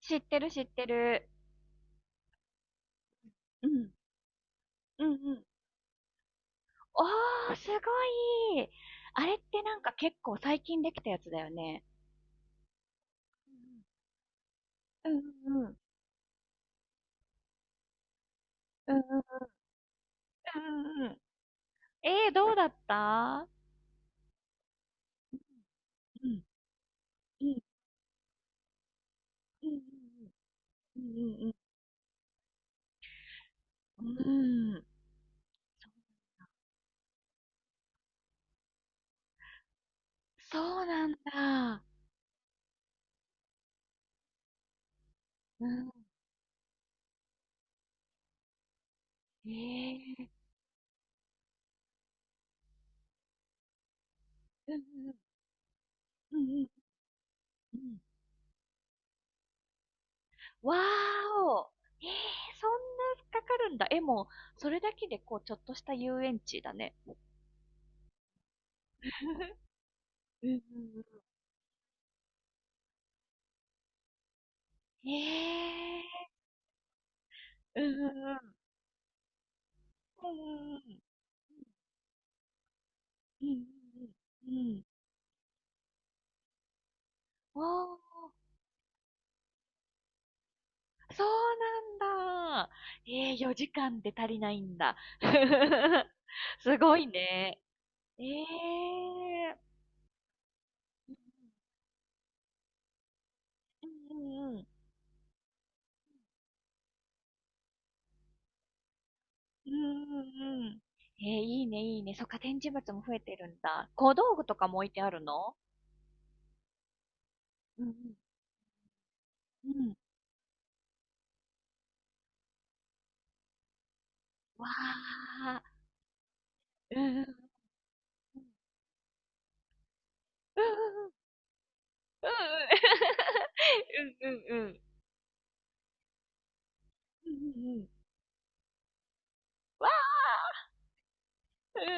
知ってる知ってる。うん。うんうん。おー、すごい。あれってなんか結構最近できたやつだよね。うんうんうん。うんうんうんうん。どうだった？うんうんうんうんうんうんうん。うん。そうなんだ。うん。えー。うんうんうんうんうん。わーお。えー、そんなかかるんだ。え、もう、それだけでこう、ちょっとした遊園地だね。うんうんええーうんうんうん。うんうんうん。うんうんうん。おー、そうなんだ。ええ4時間で足りないんだ。すごいね。ええーうんうんうん。うんうんうん。ええいいね、いいね。そっか、展示物も増えてるんだ。小道具とかも置いてあるの？うんうん。うん。わあ。うんうんうん。うんうんうん。うんうんうん。うんうんうんうんうんうん。わあ、うん。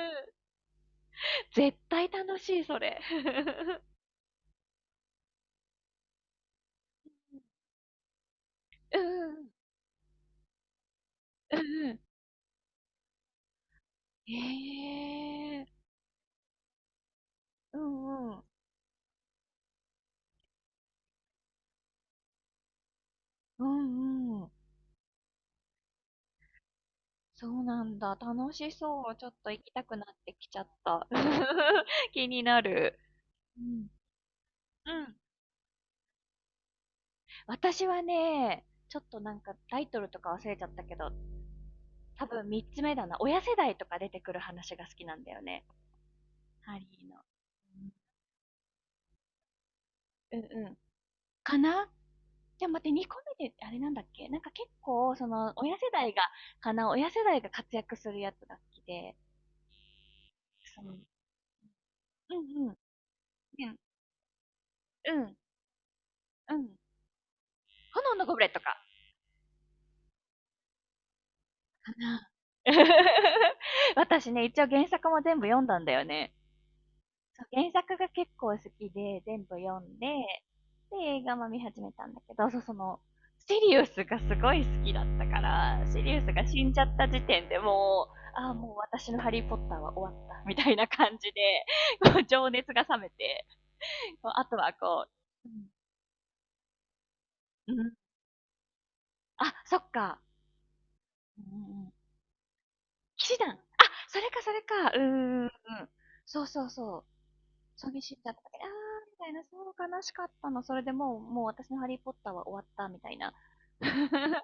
絶対楽しい、それ。うんうん。うんん。へえ。うんうん。うんうん。そうなんだ。楽しそう。ちょっと行きたくなってきちゃった。気になる。うん。うん。私はね、ちょっとなんかタイトルとか忘れちゃったけど、多分3つ目だな。親世代とか出てくる話が好きなんだよね。ハリーの。うんうん。かな。じゃあ待って、2個目で、あれなんだっけなんか結構、親世代が、かな、親世代が活躍するやつが好きで、その、うんうん、うん、うん、うん、炎のゴブレットか。かな。私ね、一応原作も全部読んだんだよね。そう、原作が結構好きで、全部読んで、で、映画も見始めたんだけど、そう、その、シリウスがすごい好きだったから、シリウスが死んじゃった時点でもう、ああ、もう私のハリーポッターは終わった、みたいな感じで、こう、情熱が冷めて、こうあとはこう、うん、うん、あ、そっか、うん、騎士団、あ、それかそれか、うーん、そうそうそう、寂しいんだった時に、あーみたいな、そう悲しかったの。それでもう、もう私のハリーポッターは終わったみたいな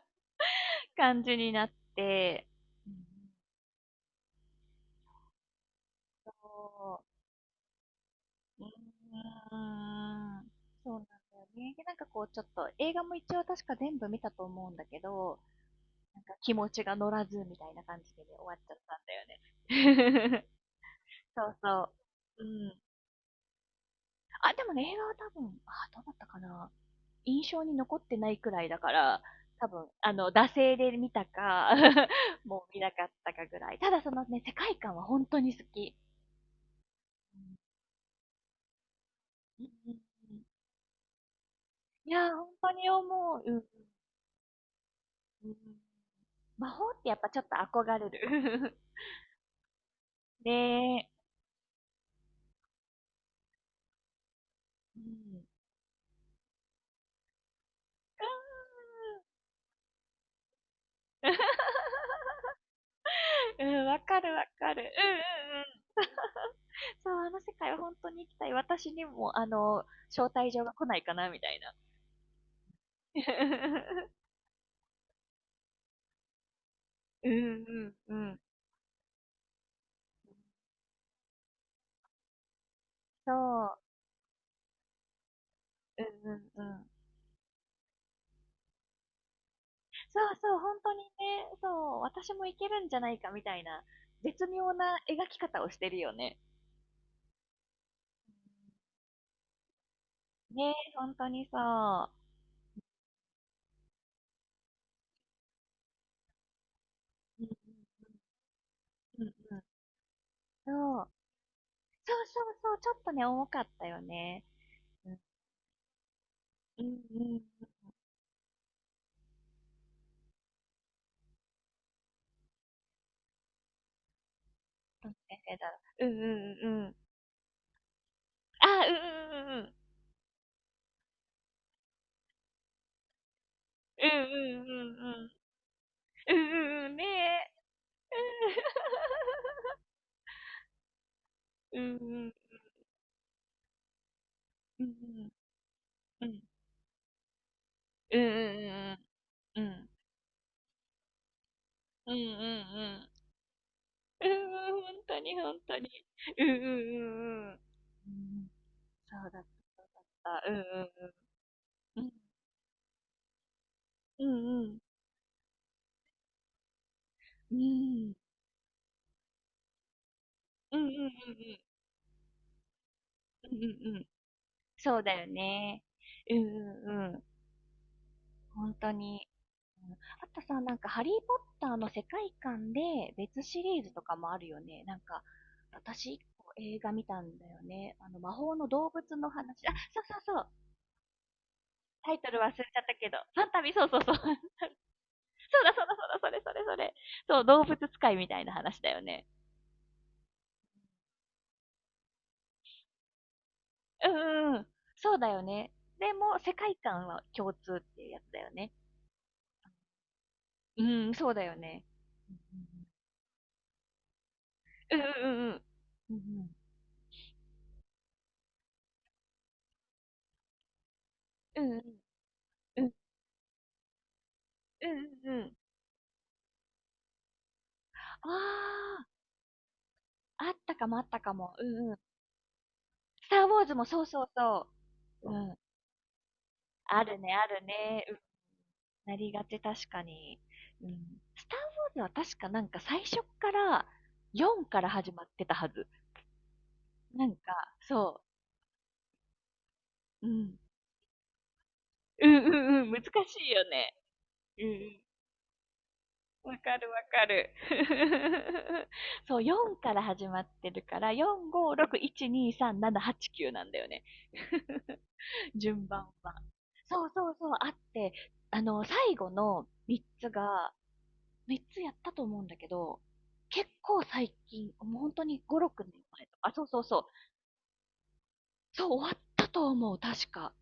感じになって、うんそう、うーん、そうなんだよね。で、なんかこう、ちょっと映画も一応確か全部見たと思うんだけど、なんか気持ちが乗らずみたいな感じで、ね終わっちゃったんだよね。そうそう。うん。あ、でもね、映画は多分、あ、どうだったかな。印象に残ってないくらいだから、多分、惰性で見たか もう見なかったかぐらい。ただそのね、世界観は本当に好き。うんいやー、本当に思う。うんうん魔法ってやっぱちょっと憧れる。ねえ。うんうん、うんわかるわかる。うんうんうん。そう、あの世界は本当に行きたい。私にも、招待状が来ないかな、みたいな。うんうんうん。そう。うんうんうん。そうそう、本当にね、そう、私もいけるんじゃないかみたいな、絶妙な描き方をしてるよね。ね、本当にそう。うんうんうんうん。そう。そうそうそう、ちょっとね、重かったよね。うんうんうん。どう先生だろう。うんうんうんうん。あ、うんうんうんうん。うんうんうんうん。うんうんうん。ねえ。うんうんうんうん。うんうんうんうん。うんうんうんうん。うん。うんうんうん。うんうん、ほんとにほんとに。うんうんうんうん。うんうんに本当にうんうんうんうんうんそうだったそうだった。うんうんうん。うん。うんうん。うん。うんうんうんうん。うんうんうん。そうだよね。うんうんうんうんうんうんそうだよねうんうんうんほんとに。うん、あとさ、なんか、ハリー・ポッターの世界観で別シリーズとかもあるよね。なんか、私一個映画見たんだよね。あの、魔法の動物の話。あ、そうそうそう。タイトル忘れちゃったけど、サンタビ、そうそうそう。そうだそうだそうだ、それそれそれ。そう、動物使いみたいな話だよね。うんうん。そうだよね。でも、世界観は共通っていうやつだよね。うん、そうだよね。うんうんうん。うんうんうんうんうんうんうん。ああ、あったかもあったかも。うんうん。スター・ウォーズもそうそうそう。うん。あるね、あるね。なりがち、確かに。うん。スター・ウォーズは確かなんか最初から4から始まってたはず。なんか、そう。うん。うんうんうん、難しいよね。うんうん。わかるわかる。そう、4から始まってるから、4、5、6、1、2、3、7、8、9なんだよね。順番は。そうそうそう、あって、最後の3つが、3つやったと思うんだけど、結構最近、もう本当に5、6年前とか、そうそうそう、そう終わったと思う、確か。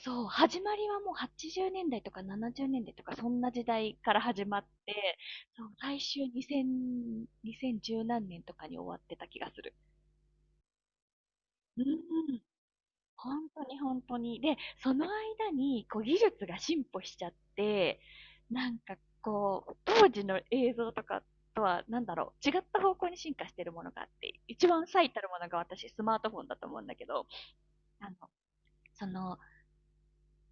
そう、始まりはもう80年代とか70年代とか、そんな時代から始まって、そう、最終2000、2010何年とかに終わってた気がする。うん。ほんとにほんとに。で、その間に、こう、技術が進歩しちゃって、なんかこう、当時の映像とかとは、なんだろう、違った方向に進化してるものがあって、一番最たるものが私、スマートフォンだと思うんだけど、あの、その、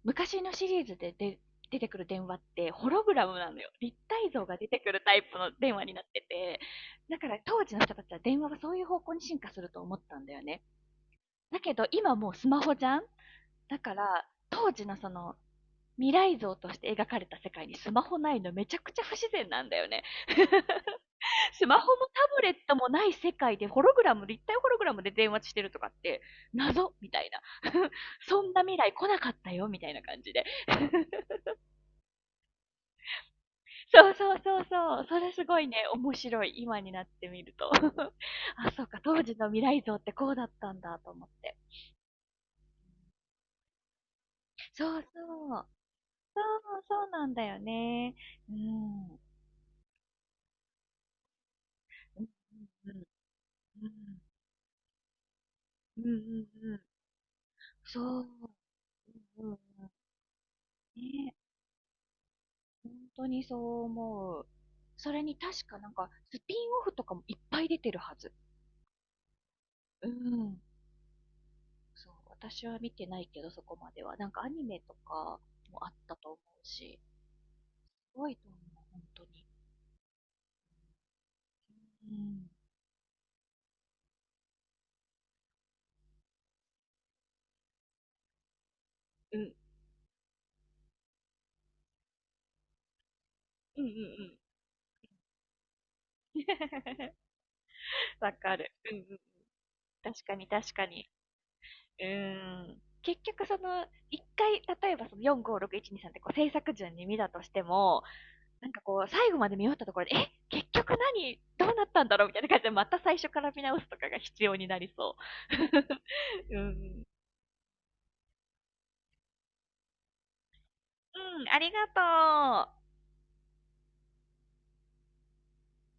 昔のシリーズで出てくる電話って、ホログラムなのよ。立体像が出てくるタイプの電話になってて、だから当時の人たちは電話はそういう方向に進化すると思ったんだよね。だけど、今もうスマホじゃんだから、当時の未来像として描かれた世界にスマホないのめちゃくちゃ不自然なんだよね。スマホもタブレットもない世界でホログラム、立体ホログラムで電話してるとかって、謎みたいな。そんな未来来なかったよみたいな感じで。そうそうそうそう。それすごいね、面白い。今になってみると。あ、そうか。当時の未来像ってこうだったんだと思って。そうそう。そう、そうなんだよね。うん。うんうんうんうん、うんうんうん。そう。うんうんうん。ね、本当にそう思う。それに確かなんか、スピンオフとかもいっぱい出てるはず。うん。そう、私は見てないけど、そこまでは。なんかアニメとかもあったと思うし、すごいと思う、本当に。うん。うん、うん、うん、うん。わかる。うんうん。確かに、確かに。うん。結局、一回、例えばその4、5、6、1、2、3ってこう制作順に見たとしても、なんかこう、最後まで見終わったところで、え結局何どうなったんだろうみたいな感じで、また最初から見直すとかが必要になりそう。うん。うん、ありがとう。